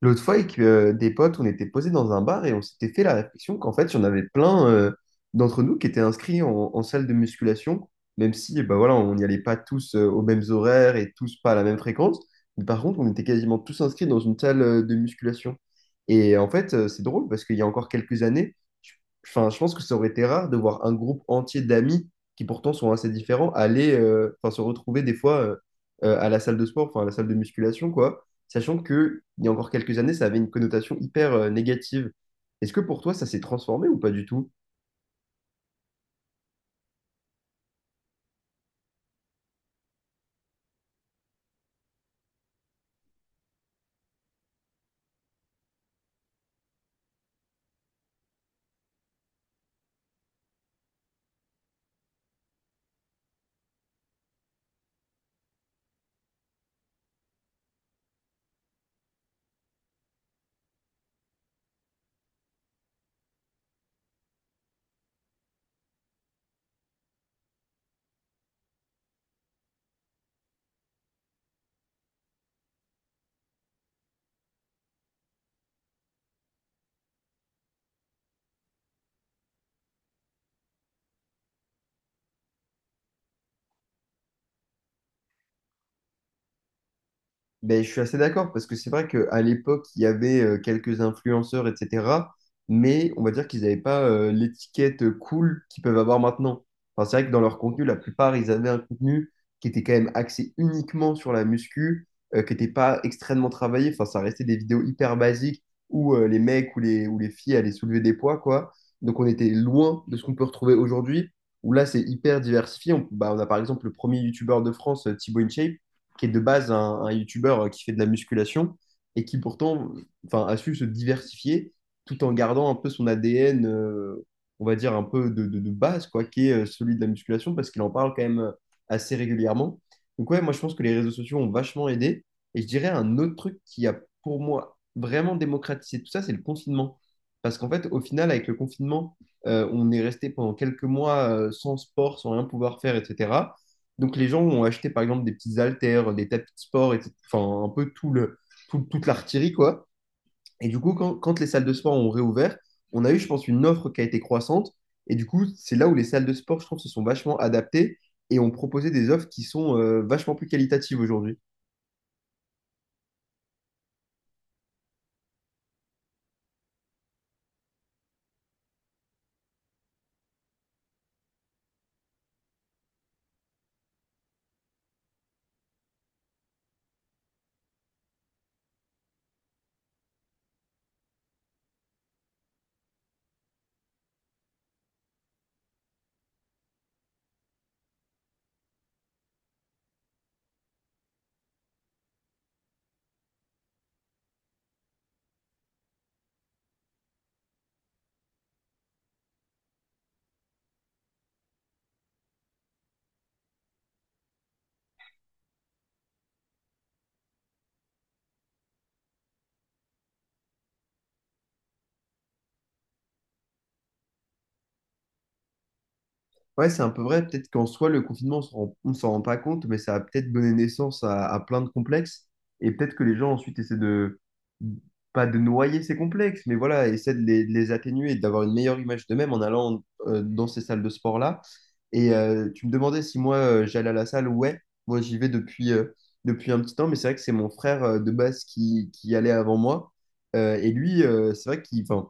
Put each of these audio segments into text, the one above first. L'autre fois, avec des potes, on était posés dans un bar et on s'était fait la réflexion qu'en fait, il y en avait plein d'entre nous qui étaient inscrits en salle de musculation, même si bah voilà, on n'y allait pas tous aux mêmes horaires et tous pas à la même fréquence. Mais par contre, on était quasiment tous inscrits dans une salle de musculation. Et en fait, c'est drôle parce qu'il y a encore quelques années, je, enfin, je pense que ça aurait été rare de voir un groupe entier d'amis qui pourtant sont assez différents aller enfin, se retrouver des fois à la salle de sport, enfin à la salle de musculation, quoi, sachant qu'il y a encore quelques années, ça avait une connotation hyper négative. Est-ce que pour toi, ça s'est transformé ou pas du tout? Ben, je suis assez d'accord parce que c'est vrai qu'à l'époque, il y avait quelques influenceurs, etc. Mais on va dire qu'ils n'avaient pas l'étiquette cool qu'ils peuvent avoir maintenant. Enfin, c'est vrai que dans leur contenu, la plupart, ils avaient un contenu qui était quand même axé uniquement sur la muscu, qui n'était pas extrêmement travaillé. Enfin, ça restait des vidéos hyper basiques où les mecs ou ou les filles allaient soulever des poids, quoi. Donc on était loin de ce qu'on peut retrouver aujourd'hui, où là, c'est hyper diversifié. Bah, on a par exemple le premier youtubeur de France, Thibaut InShape qui est de base un youtubeur qui fait de la musculation et qui pourtant enfin, a su se diversifier tout en gardant un peu son ADN, on va dire un peu de base, quoi, qui est celui de la musculation parce qu'il en parle quand même assez régulièrement. Donc, ouais, moi je pense que les réseaux sociaux ont vachement aidé. Et je dirais un autre truc qui a pour moi vraiment démocratisé tout ça, c'est le confinement. Parce qu'en fait, au final, avec le confinement, on est resté pendant quelques mois sans sport, sans rien pouvoir faire, etc. Donc les gens ont acheté par exemple des petits haltères, des tapis de sport, etc. Enfin, un peu tout toute l'artillerie, quoi. Et du coup, quand les salles de sport ont réouvert, on a eu, je pense, une offre qui a été croissante. Et du coup, c'est là où les salles de sport, je trouve, se sont vachement adaptées et ont proposé des offres qui sont vachement plus qualitatives aujourd'hui. Ouais, c'est un peu vrai. Peut-être qu'en soi, le confinement, on s'en rend pas compte, mais ça a peut-être donné naissance à plein de complexes. Et peut-être que les gens ensuite pas de noyer ces complexes, mais voilà, essaient de de les atténuer et d'avoir une meilleure image d'eux-mêmes en allant dans ces salles de sport-là. Et tu me demandais si moi, j'allais à la salle. Ouais, moi, depuis un petit temps, mais c'est vrai que c'est mon frère de base qui y allait avant moi. Et lui, c'est vrai qu'il, enfin,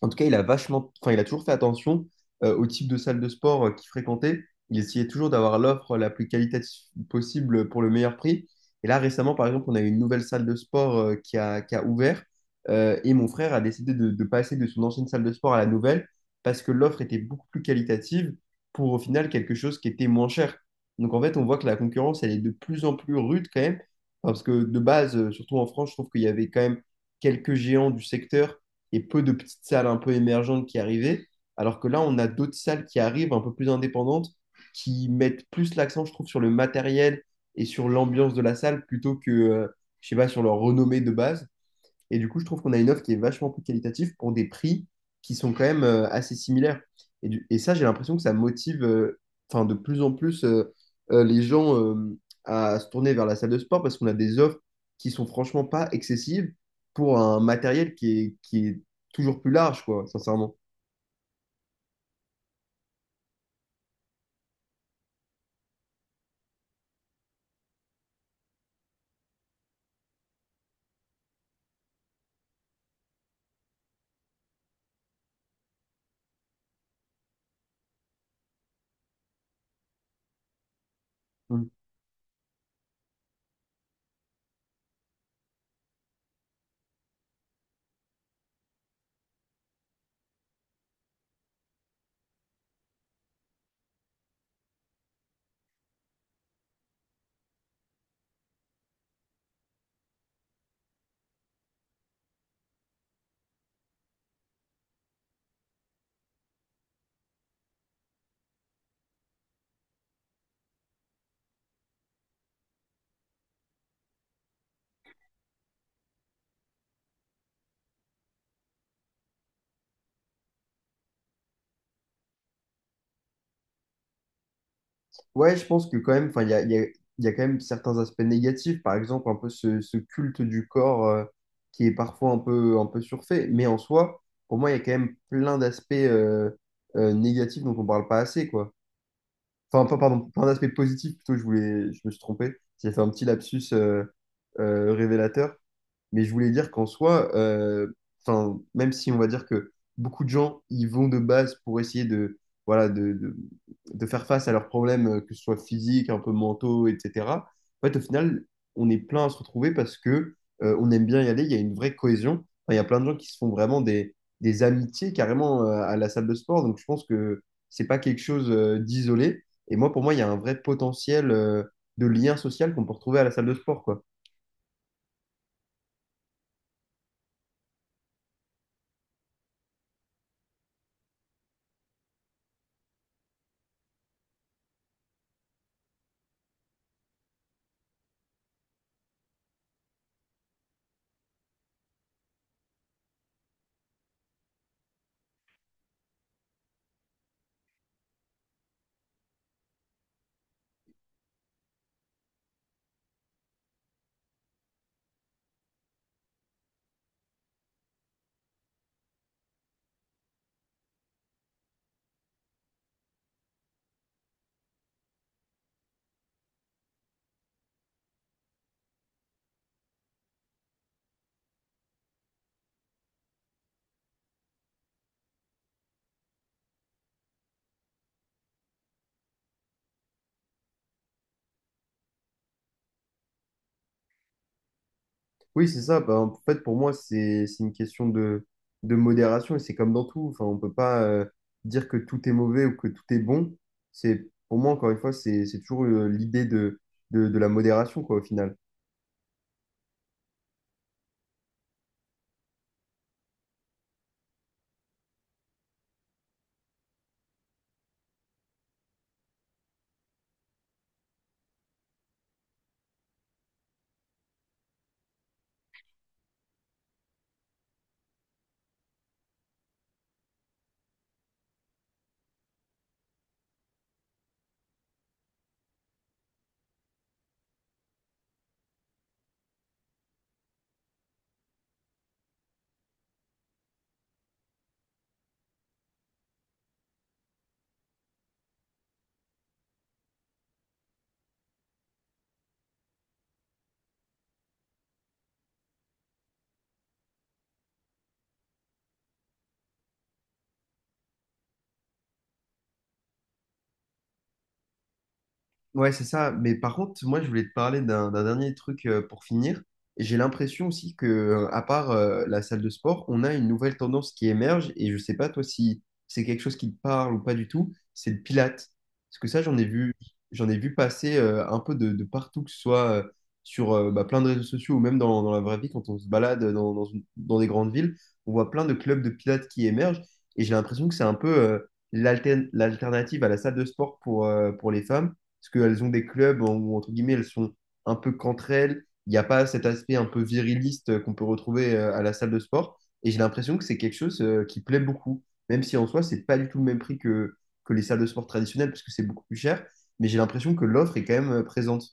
en tout cas, il a vachement, enfin, il a toujours fait attention au type de salle de sport qu'il fréquentait. Il essayait toujours d'avoir l'offre la plus qualitative possible pour le meilleur prix. Et là, récemment, par exemple, on a eu une nouvelle salle de sport qui a ouvert. Et mon frère a décidé de passer de son ancienne salle de sport à la nouvelle parce que l'offre était beaucoup plus qualitative pour au final quelque chose qui était moins cher. Donc en fait, on voit que la concurrence, elle est de plus en plus rude quand même. Enfin, parce que de base, surtout en France, je trouve qu'il y avait quand même quelques géants du secteur et peu de petites salles un peu émergentes qui arrivaient. Alors que là, on a d'autres salles qui arrivent un peu plus indépendantes, qui mettent plus l'accent, je trouve, sur le matériel et sur l'ambiance de la salle plutôt que, je sais pas, sur leur renommée de base. Et du coup, je trouve qu'on a une offre qui est vachement plus qualitative pour des prix qui sont quand même assez similaires. Et ça, j'ai l'impression que ça motive enfin, de plus en plus les gens à se tourner vers la salle de sport parce qu'on a des offres qui sont franchement pas excessives pour un matériel qui est toujours plus large, quoi, sincèrement. Mm. Ouais, je pense que quand même, enfin, il y a quand même certains aspects négatifs, par exemple un peu ce culte du corps qui est parfois un peu surfait, mais en soi, pour moi, il y a quand même plein d'aspects négatifs dont on parle pas assez, quoi. Enfin, pas, pardon, plein d'aspects positifs, plutôt, je voulais, je me suis trompé, j'ai fait un petit lapsus révélateur, mais je voulais dire qu'en soi, 'fin, même si on va dire que beaucoup de gens ils vont de base pour voilà, de faire face à leurs problèmes, que ce soit physiques, un peu mentaux, etc. En fait, au final, on est plein à se retrouver parce que on aime bien y aller, il y a une vraie cohésion. Enfin, il y a plein de gens qui se font vraiment des amitiés carrément à la salle de sport. Donc je pense que c'est pas quelque chose d'isolé. Et moi, pour moi, il y a un vrai potentiel de lien social qu'on peut retrouver à la salle de sport, quoi. Oui, c'est ça. Bah, en fait, pour moi, c'est une question de modération et c'est comme dans tout. Enfin, on peut pas dire que tout est mauvais ou que tout est bon. C'est, pour moi, encore une fois, c'est toujours l'idée de la modération, quoi, au final. Ouais, c'est ça. Mais par contre, moi, je voulais te parler d'un dernier truc pour finir. J'ai l'impression aussi que, à part la salle de sport, on a une nouvelle tendance qui émerge. Et je sais pas, toi, si c'est quelque chose qui te parle ou pas du tout, c'est le Pilates. Parce que ça, j'en ai vu passer un peu de partout, que ce soit sur bah, plein de réseaux sociaux ou même dans la vraie vie, quand on se balade dans des grandes villes, on voit plein de clubs de Pilates qui émergent. Et j'ai l'impression que c'est un peu l'alternative à la salle de sport pour les femmes parce qu'elles ont des clubs où, entre guillemets, elles sont un peu qu'entre elles. Il n'y a pas cet aspect un peu viriliste qu'on peut retrouver à la salle de sport. Et j'ai l'impression que c'est quelque chose qui plaît beaucoup, même si en soi, c'est pas du tout le même prix que les salles de sport traditionnelles, parce que c'est beaucoup plus cher. Mais j'ai l'impression que l'offre est quand même présente.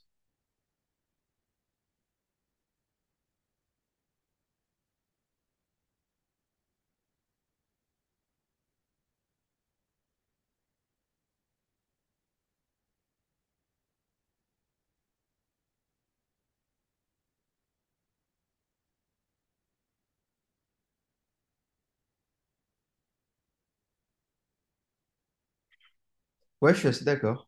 Ouais, je suis assez d'accord.